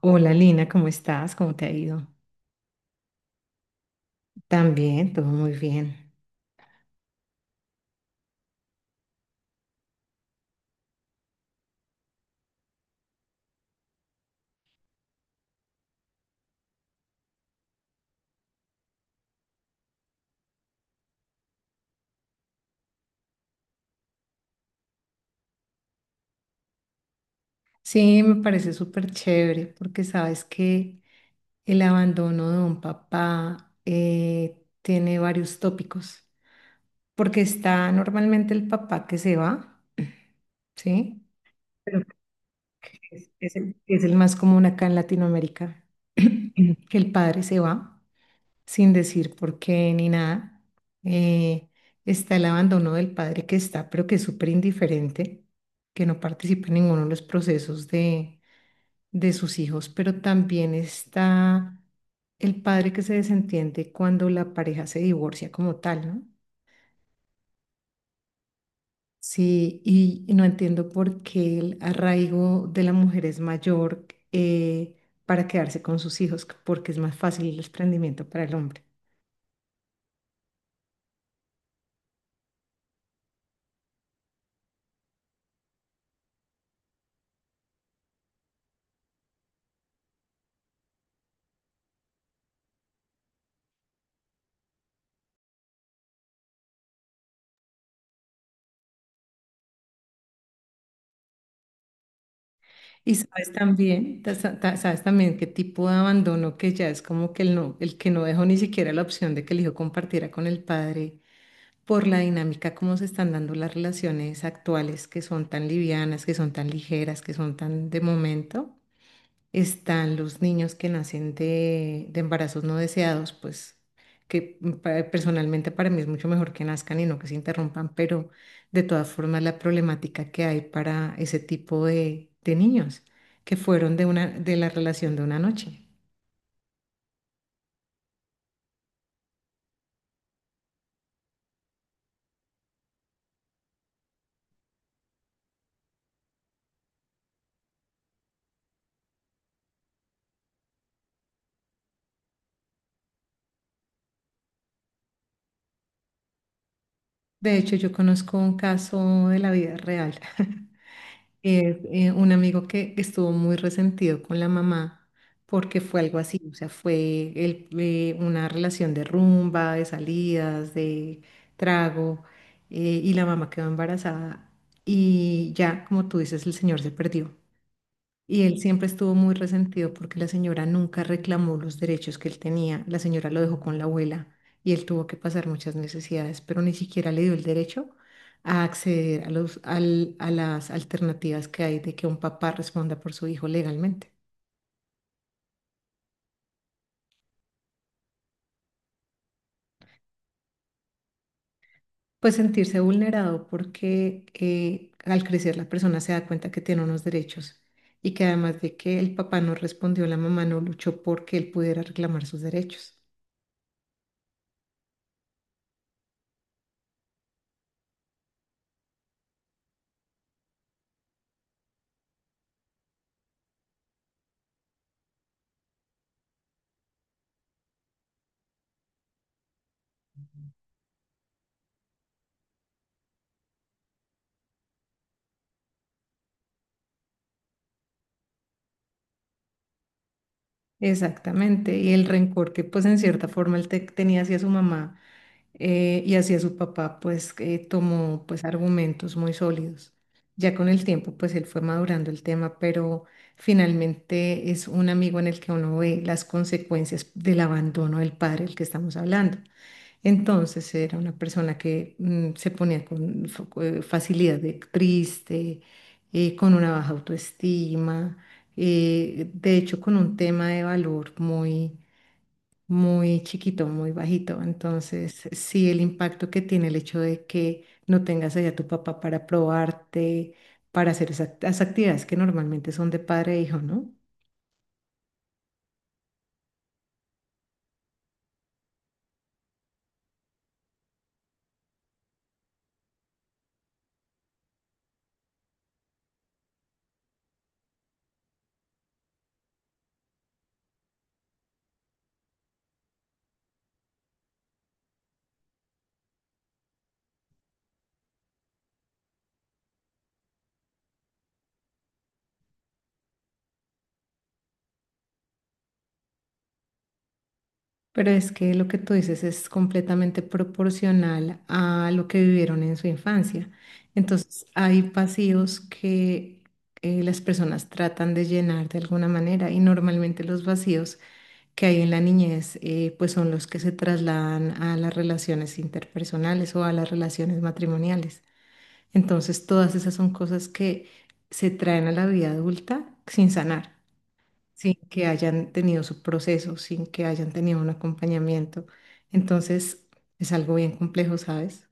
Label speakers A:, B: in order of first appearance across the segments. A: Hola Lina, ¿cómo estás? ¿Cómo te ha ido? También, todo muy bien. Sí, me parece súper chévere porque sabes que el abandono de un papá tiene varios tópicos, porque está normalmente el papá que se va, ¿sí? Pero que es el más común acá en Latinoamérica, que el padre se va sin decir por qué ni nada. Eh, Está el abandono del padre que está, pero que es súper indiferente, que no participa en ninguno de los procesos de sus hijos, pero también está el padre que se desentiende cuando la pareja se divorcia como tal, ¿no? Sí, y no entiendo por qué el arraigo de la mujer es mayor para quedarse con sus hijos, porque es más fácil el desprendimiento para el hombre. Y sabes también, sabes también qué tipo de abandono que ya es como que el que no dejó ni siquiera la opción de que el hijo compartiera con el padre por la dinámica como se están dando las relaciones actuales, que son tan livianas, que son tan ligeras, que son tan de momento. Están los niños que nacen de embarazos no deseados, pues que personalmente para mí es mucho mejor que nazcan y no que se interrumpan, pero de todas formas la problemática que hay para ese tipo de niños que fueron de una, de la relación de una noche. De hecho, yo conozco un caso de la vida real. Es un amigo que estuvo muy resentido con la mamá porque fue algo así, o sea, fue una relación de rumba, de salidas, de trago, y la mamá quedó embarazada y ya, como tú dices, el señor se perdió. Y él siempre estuvo muy resentido porque la señora nunca reclamó los derechos que él tenía. La señora lo dejó con la abuela y él tuvo que pasar muchas necesidades, pero ni siquiera le dio el derecho a acceder a a las alternativas que hay de que un papá responda por su hijo legalmente. Pues sentirse vulnerado porque al crecer la persona se da cuenta que tiene unos derechos y que además de que el papá no respondió, la mamá no luchó porque él pudiera reclamar sus derechos. Exactamente, y el rencor que pues en cierta forma él tenía hacia su mamá y hacia su papá, pues tomó pues argumentos muy sólidos. Ya con el tiempo pues él fue madurando el tema, pero finalmente es un amigo en el que uno ve las consecuencias del abandono del padre del que estamos hablando. Entonces era una persona que se ponía con facilidad de triste, con una baja autoestima, de hecho con un tema de valor muy, muy chiquito, muy bajito. Entonces sí, el impacto que tiene el hecho de que no tengas allá a tu papá para probarte, para hacer esas, las actividades que normalmente son de padre e hijo, ¿no? Pero es que lo que tú dices es completamente proporcional a lo que vivieron en su infancia. Entonces, hay vacíos que las personas tratan de llenar de alguna manera, y normalmente los vacíos que hay en la niñez, pues son los que se trasladan a las relaciones interpersonales o a las relaciones matrimoniales. Entonces, todas esas son cosas que se traen a la vida adulta sin sanar, sin que hayan tenido su proceso, sin que hayan tenido un acompañamiento. Entonces, es algo bien complejo, ¿sabes?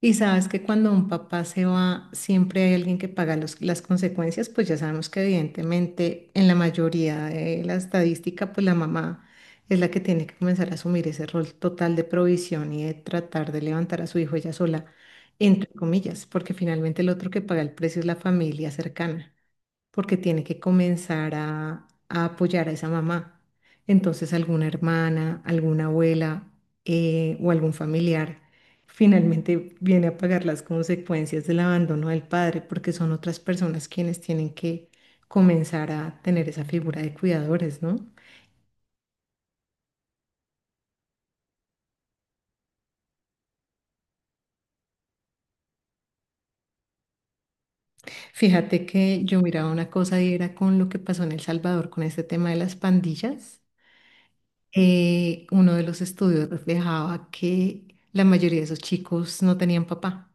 A: Y sabes que cuando un papá se va, siempre hay alguien que paga las consecuencias, pues ya sabemos que evidentemente en la mayoría de la estadística, pues la mamá es la que tiene que comenzar a asumir ese rol total de provisión y de tratar de levantar a su hijo ella sola, entre comillas, porque finalmente el otro que paga el precio es la familia cercana, porque tiene que comenzar a apoyar a esa mamá. Entonces, alguna hermana, alguna abuela, o algún familiar finalmente viene a pagar las consecuencias del abandono del padre, porque son otras personas quienes tienen que comenzar a tener esa figura de cuidadores, ¿no? Fíjate que yo miraba una cosa y era con lo que pasó en El Salvador con este tema de las pandillas. Uno de los estudios reflejaba que la mayoría de esos chicos no tenían papá.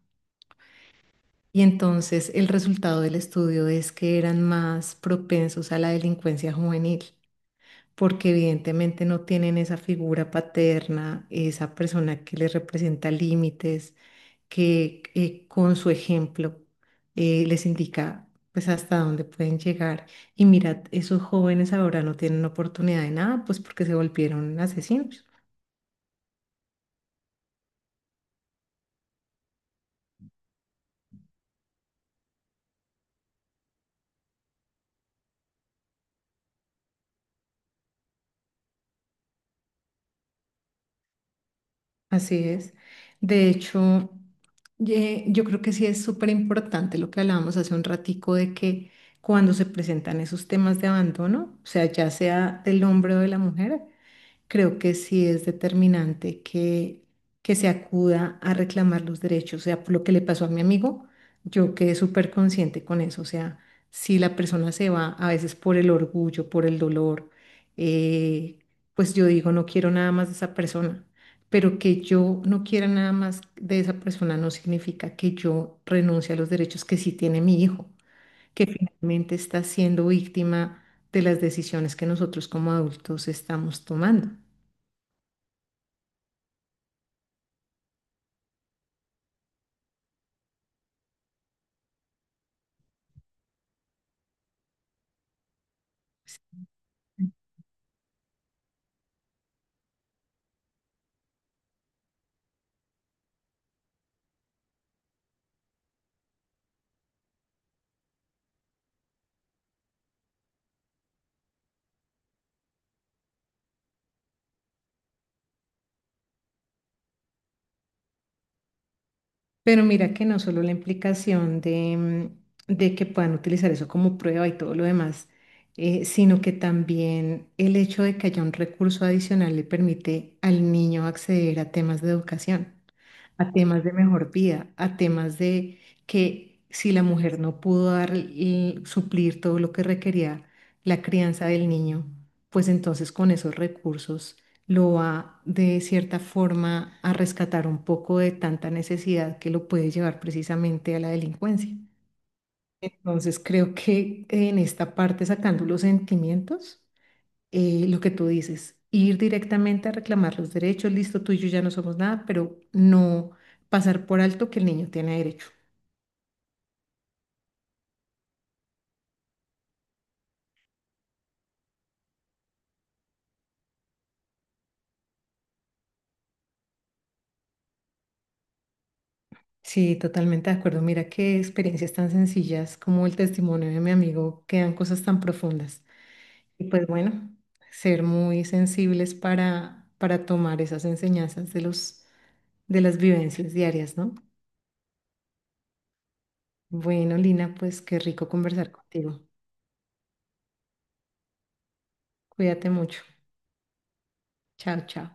A: Y entonces el resultado del estudio es que eran más propensos a la delincuencia juvenil, porque evidentemente no tienen esa figura paterna, esa persona que les representa límites, que con su ejemplo les indica pues hasta dónde pueden llegar. Y mirad, esos jóvenes ahora no tienen oportunidad de nada, pues porque se volvieron asesinos. Así es. De hecho, yo creo que sí es súper importante lo que hablábamos hace un ratico, de que cuando se presentan esos temas de abandono, o sea, ya sea del hombre o de la mujer, creo que sí es determinante que se acuda a reclamar los derechos. O sea, por lo que le pasó a mi amigo, yo quedé súper consciente con eso. O sea, si la persona se va a veces por el orgullo, por el dolor, eh, pues yo digo, no quiero nada más de esa persona, pero que yo no quiera nada más de esa persona no significa que yo renuncie a los derechos que sí tiene mi hijo, que finalmente está siendo víctima de las decisiones que nosotros como adultos estamos tomando. Pero mira que no solo la implicación de, de que puedan utilizar eso como prueba y todo lo demás, sino que también el hecho de que haya un recurso adicional le permite al niño acceder a temas de educación, a temas de mejor vida, a temas de que si la mujer no pudo dar y suplir todo lo que requería la crianza del niño, pues entonces con esos recursos lo va de cierta forma a rescatar un poco de tanta necesidad que lo puede llevar precisamente a la delincuencia. Entonces creo que en esta parte, sacando los sentimientos, lo que tú dices, ir directamente a reclamar los derechos, listo, tú y yo ya no somos nada, pero no pasar por alto que el niño tiene derecho. Sí, totalmente de acuerdo. Mira qué experiencias tan sencillas como el testimonio de mi amigo, quedan cosas tan profundas. Y pues bueno, ser muy sensibles para tomar esas enseñanzas de los, de las vivencias diarias, ¿no? Bueno, Lina, pues qué rico conversar contigo. Cuídate mucho. Chao, chao.